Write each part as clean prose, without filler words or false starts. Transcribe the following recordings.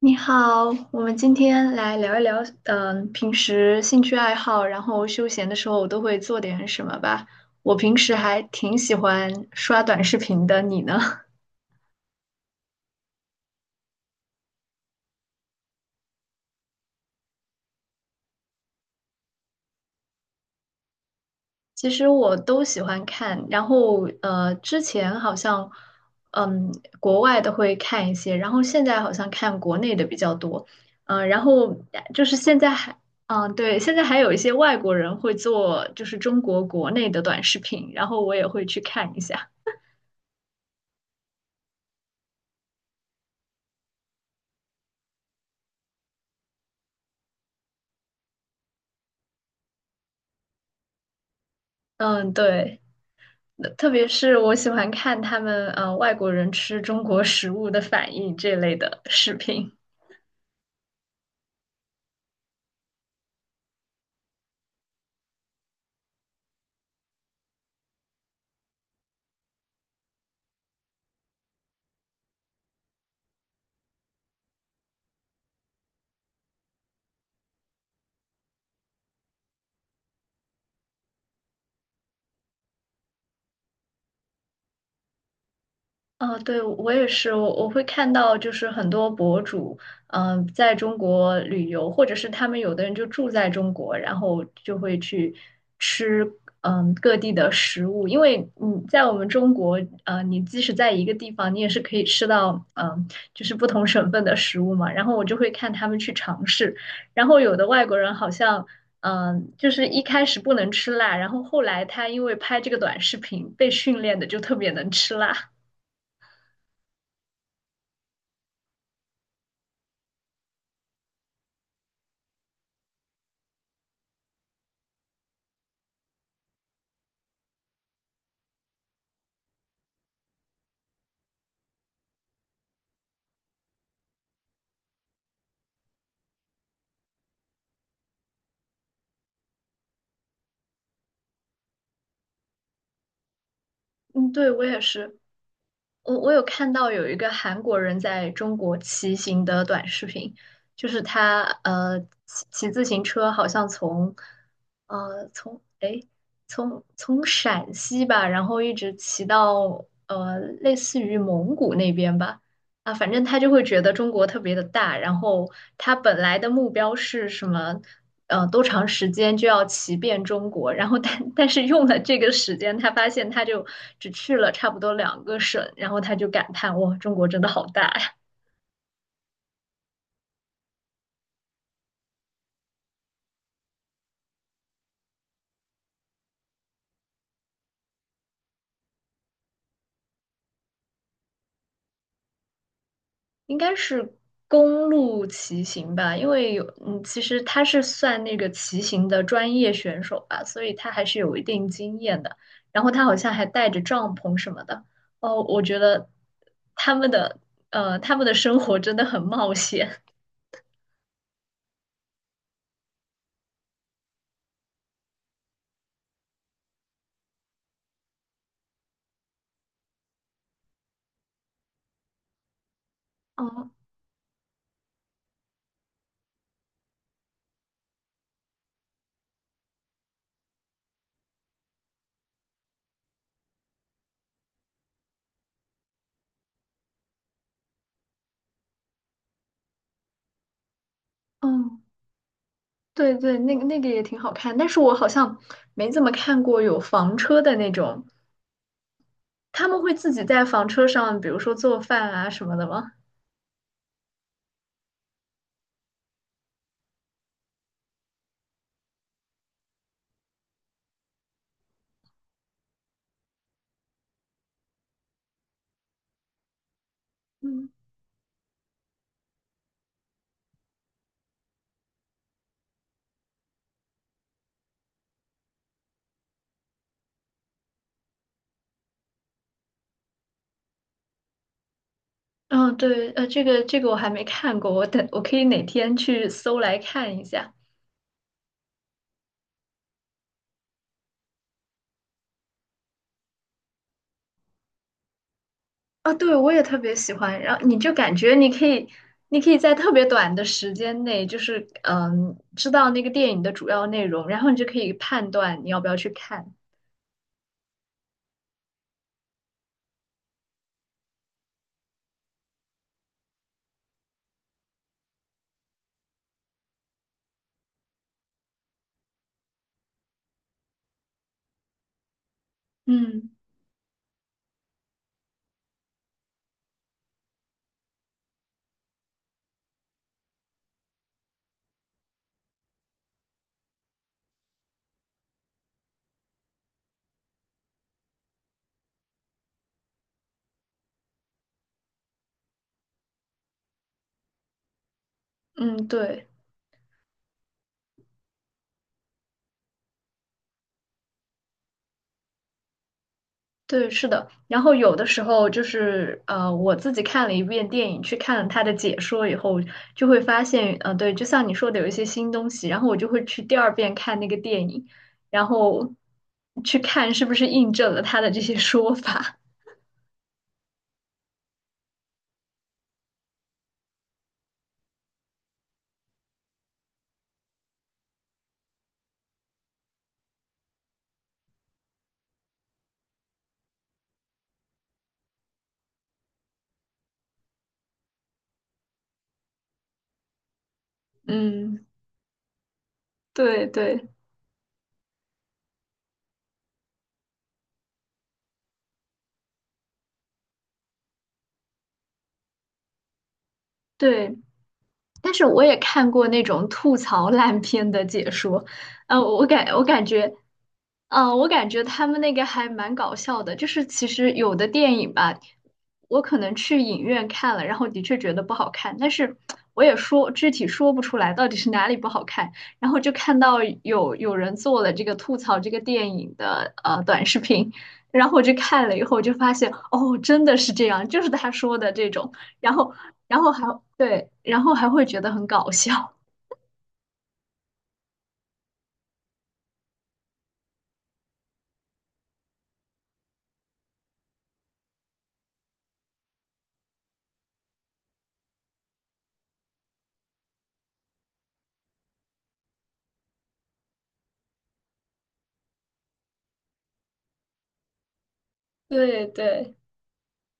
你好，我们今天来聊一聊，平时兴趣爱好，然后休闲的时候我都会做点什么吧。我平时还挺喜欢刷短视频的，你呢？其实我都喜欢看，然后之前好像，嗯，国外的会看一些，然后现在好像看国内的比较多，嗯、然后就是现在还。嗯，对，现在还有一些外国人会做，就是中国国内的短视频，然后我也会去看一下。嗯，对，那特别是我喜欢看他们外国人吃中国食物的反应这类的视频。啊，对，我也是，我会看到，就是很多博主，嗯、在中国旅游，或者是他们有的人就住在中国，然后就会去吃，嗯、各地的食物，因为你在我们中国，呃，你即使在一个地方，你也是可以吃到，嗯、就是不同省份的食物嘛。然后我就会看他们去尝试，然后有的外国人好像。嗯，就是一开始不能吃辣，然后后来他因为拍这个短视频被训练的就特别能吃辣。嗯，对，我也是。我有看到有一个韩国人在中国骑行的短视频，就是他骑自行车，好像从呃从诶从从陕西吧，然后一直骑到类似于蒙古那边吧，啊，反正他就会觉得中国特别的大，然后他本来的目标是什么？呃，多长时间就要骑遍中国？然后但是用了这个时间，他发现他就只去了差不多两个省，然后他就感叹：哇，中国真的好大呀！应该是公路骑行吧，因为有，嗯，其实他是算那个骑行的专业选手吧，所以他还是有一定经验的。然后他好像还带着帐篷什么的。哦，我觉得他们的，他们的生活真的很冒险。哦，哦，对对，那个那个也挺好看，但是我好像没怎么看过有房车的那种，他们会自己在房车上，比如说做饭啊什么的吗？嗯。嗯，对，呃，这个这个我还没看过，我等我可以哪天去搜来看一下。啊，对，我也特别喜欢。然后你就感觉你可以，你可以在特别短的时间内，就是嗯，知道那个电影的主要内容，然后你就可以判断你要不要去看。嗯嗯，对。对，是的。然后有的时候就是我自己看了一遍电影，去看了他的解说以后，就会发现，呃，对，就像你说的，有一些新东西。然后我就会去第二遍看那个电影，然后去看是不是印证了他的这些说法。嗯，对对对。但是我也看过那种吐槽烂片的解说，呃，我感觉嗯，我感觉他们那个还蛮搞笑的，就是其实有的电影吧，我可能去影院看了，然后的确觉得不好看，但是我也说具体说不出来到底是哪里不好看，然后就看到有人做了这个吐槽这个电影的短视频，然后我就看了以后就发现哦，真的是这样，就是他说的这种，然后然后还对，然后还会觉得很搞笑，对对。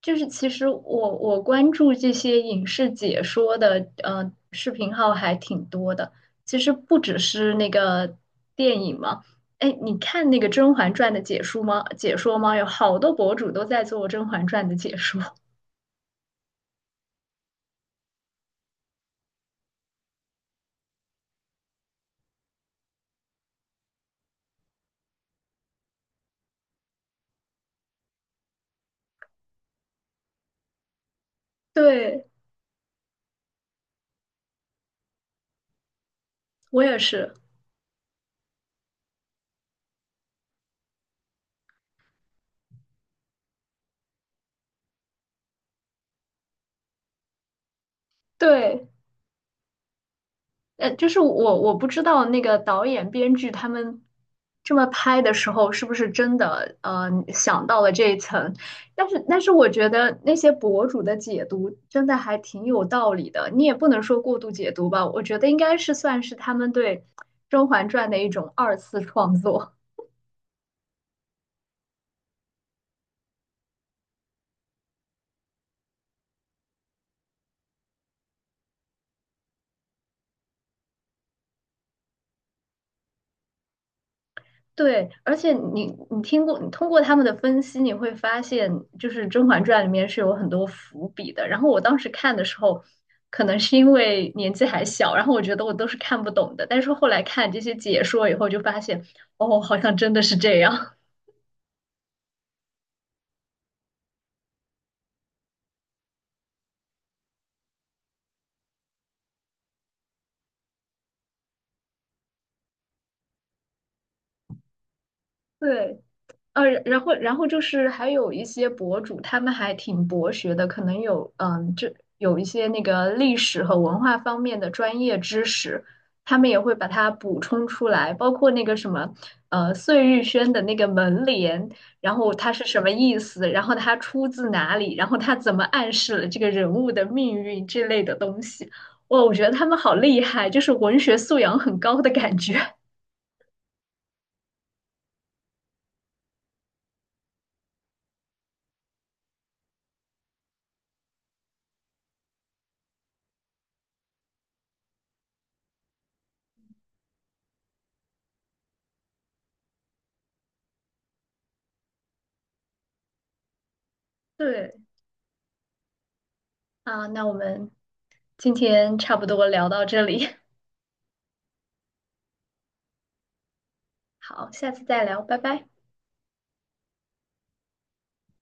就是其实我关注这些影视解说的视频号还挺多的，其实不只是那个电影嘛。哎，你看那个《甄嬛传》的解说吗？解说吗？有好多博主都在做《甄嬛传》的解说。对，我也是。对。就是我不知道那个导演、编剧他们这么拍的时候，是不是真的想到了这一层？但是我觉得那些博主的解读真的还挺有道理的，你也不能说过度解读吧，我觉得应该是算是他们对《甄嬛传》的一种二次创作。对，而且你听过，你通过他们的分析，你会发现，就是《甄嬛传》里面是有很多伏笔的。然后我当时看的时候，可能是因为年纪还小，然后我觉得我都是看不懂的。但是后来看这些解说以后，就发现，哦，好像真的是这样。对。然后就是还有一些博主，他们还挺博学的，可能有嗯，这有一些那个历史和文化方面的专业知识，他们也会把它补充出来，包括那个什么碎玉轩的那个门帘，然后它是什么意思，然后它出自哪里，然后它怎么暗示了这个人物的命运之类的东西。哇，我觉得他们好厉害，就是文学素养很高的感觉。对啊，那我们今天差不多聊到这里，好，下次再聊，拜拜。